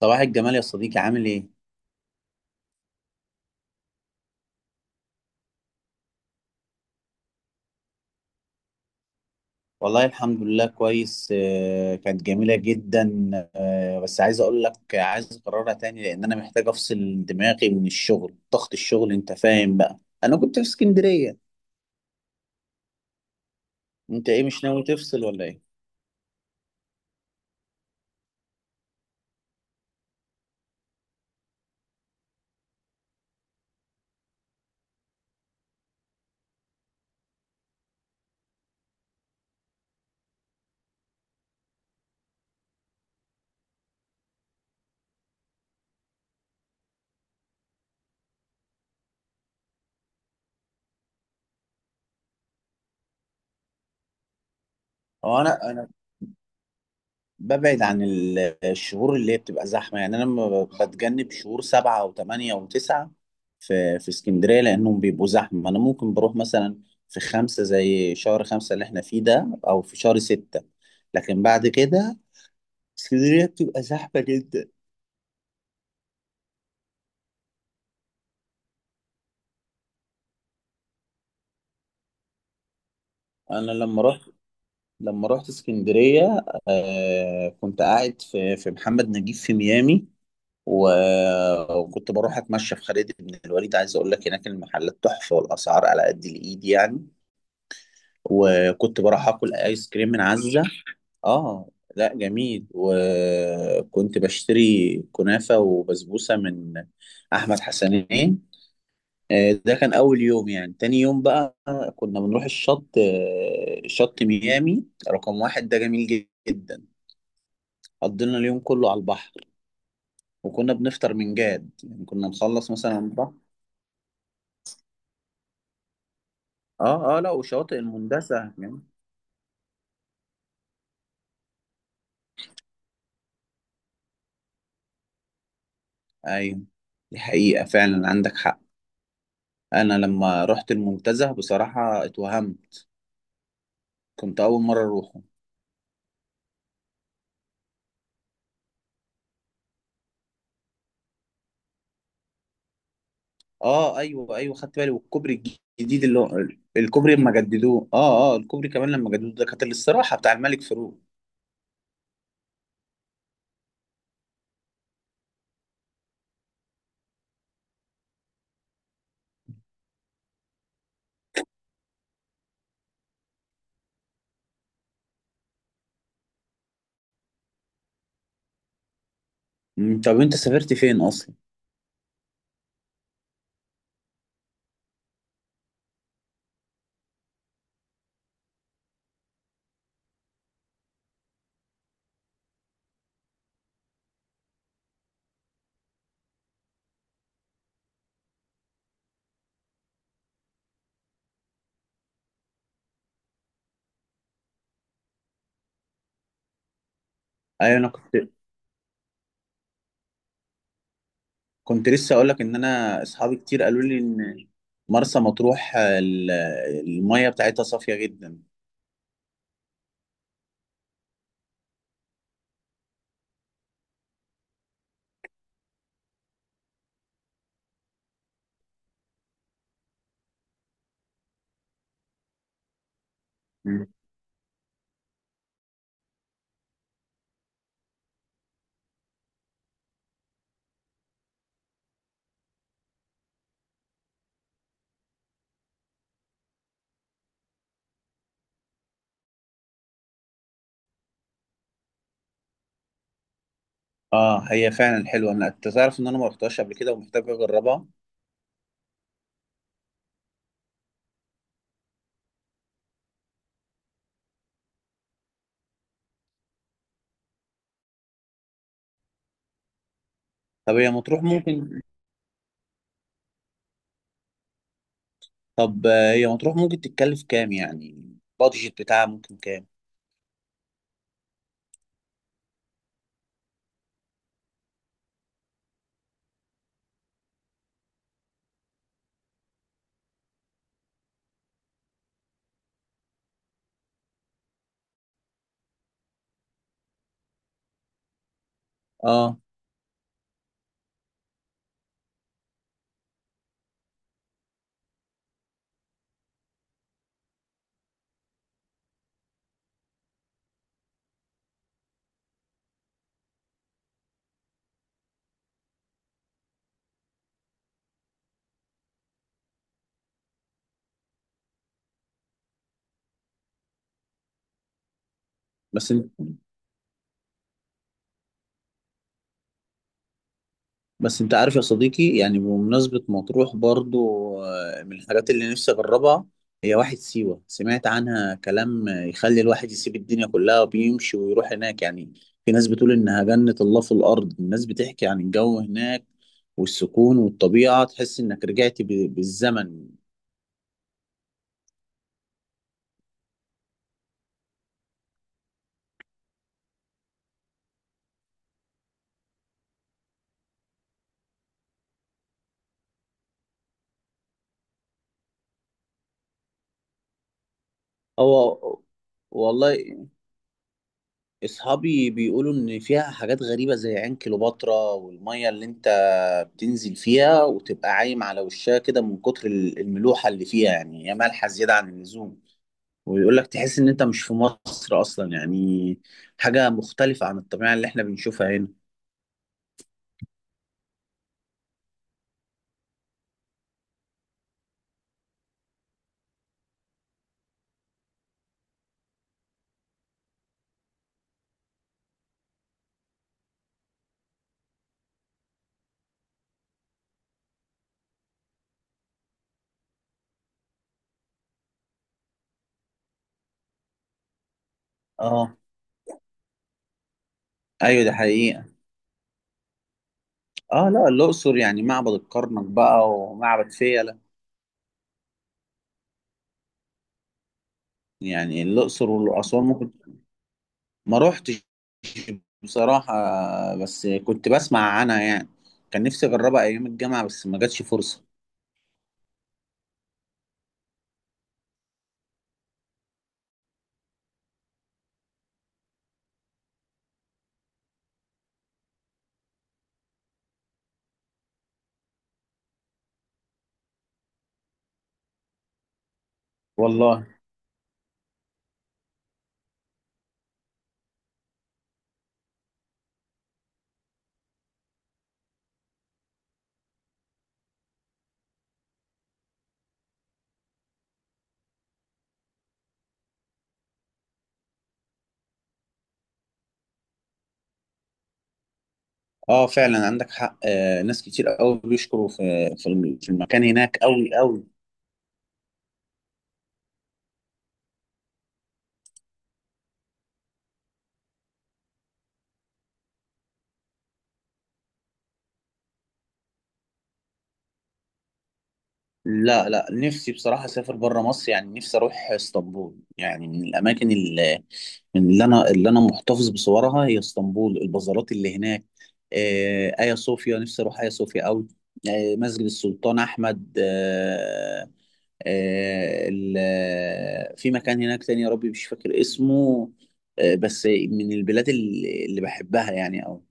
صباح الجمال يا صديقي، عامل ايه؟ والله الحمد لله كويس. كانت جميلة جدا. بس عايز اقول لك، عايز اكررها تاني لان انا محتاج افصل دماغي من الشغل، ضغط الشغل، انت فاهم بقى. انا كنت في اسكندرية. انت ايه، مش ناوي تفصل ولا ايه؟ هو انا ببعد عن الشهور اللي هي بتبقى زحمة يعني. أنا لما بتجنب شهور سبعة وثمانية وتسعة في اسكندرية لأنهم بيبقوا زحمة. أنا ممكن بروح مثلا في خمسة، زي شهر خمسة اللي احنا فيه ده، أو في شهر ستة، لكن بعد كده اسكندرية بتبقى زحمة جدا. أنا لما رحت، لما رحت اسكندرية، آه كنت قاعد في محمد نجيب في ميامي، وكنت بروح أتمشى في خالد بن الوليد. عايز أقول لك، هناك المحلات تحفة والأسعار على قد الإيد يعني. وكنت بروح اكل ايس كريم من عزة. اه، لا جميل. وكنت بشتري كنافة وبسبوسة من احمد حسنين. ده كان اول يوم. يعني تاني يوم بقى كنا بنروح الشط، شط ميامي رقم واحد، ده جميل جدا. قضينا اليوم كله على البحر. وكنا بنفطر من جاد، يعني كنا نخلص مثلا على البحر. اه اه، لا وشواطئ المندسة يعني. ايوه، دي حقيقة، فعلا عندك حق. انا لما رحت المنتزه بصراحه اتوهمت، كنت اول مره اروحه. اه ايوه ايوه، خدت بالي. والكوبري الجديد اللي هو الكوبري لما جددوه، اه اه، الكوبري كمان لما جددوه ده كانت الاستراحه بتاع الملك فاروق. طب انت سافرت فين اصلا؟ ايوه. انا كنت كنت لسه اقول لك ان انا، اصحابي كتير قالوا لي ان مرسى مطروح، الميه بتاعتها صافيه جدا. أمم. اه هي فعلا حلوه. انا، انت تعرف ان انا ما رحتهاش قبل كده ومحتاج اجربها. طب هي مطروح ممكن طب هي مطروح ممكن تتكلف كام؟ يعني البادجت بتاعها ممكن كام؟ اه، بس انت بس انت عارف يا صديقي، يعني بمناسبة مطروح برضو، من الحاجات اللي نفسي اجربها هي واحد سيوة. سمعت عنها كلام يخلي الواحد يسيب الدنيا كلها وبيمشي ويروح هناك يعني. في ناس بتقول انها جنة الله في الارض. الناس بتحكي عن الجو هناك والسكون والطبيعة، تحس انك رجعت بالزمن. هو والله اصحابي بيقولوا ان فيها حاجات غريبة زي عين كليوباترا، والمية اللي انت بتنزل فيها وتبقى عايم على وشها كده من كتر الملوحة اللي فيها. يعني هي مالحة زيادة عن اللزوم، ويقول لك تحس ان انت مش في مصر اصلا يعني، حاجة مختلفة عن الطبيعة اللي احنا بنشوفها هنا. اه ايوه، ده حقيقة. اه لا، الاقصر يعني معبد الكرنك بقى ومعبد فيلة. يعني الاقصر واسوان ممكن، ما روحتش بصراحة، بس كنت بسمع عنها يعني. كان نفسي أجربها أيام الجامعة بس ما جاتش فرصة. والله اه فعلا عندك حق. آه ناس كتير قوي بيشكروا في في المكان هناك، قوي قوي. لا لا، نفسي بصراحة أسافر بره مصر. يعني نفسي أروح اسطنبول. يعني من الأماكن اللي، من اللي أنا اللي أنا محتفظ بصورها هي اسطنبول، البازارات اللي هناك، آه آيا صوفيا، نفسي أروح آيا صوفيا قوي، آه مسجد السلطان أحمد، آه في مكان هناك تاني يا ربي مش فاكر اسمه. بس من البلاد اللي بحبها يعني أوي.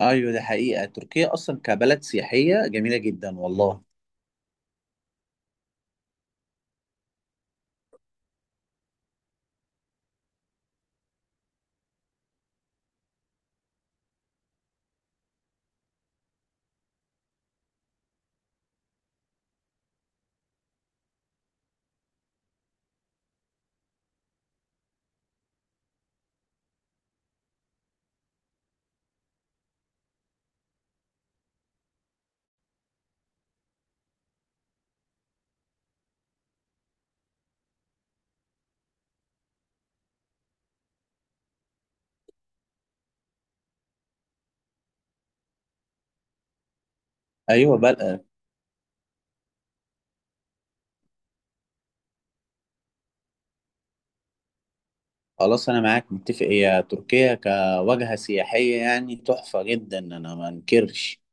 أيوة ده حقيقة، تركيا أصلا كبلد سياحية جميلة جدا والله. أيوة بلد، خلاص أنا معاك متفق، هي تركيا كواجهة سياحية يعني تحفة جدا، أنا ما أنكرش.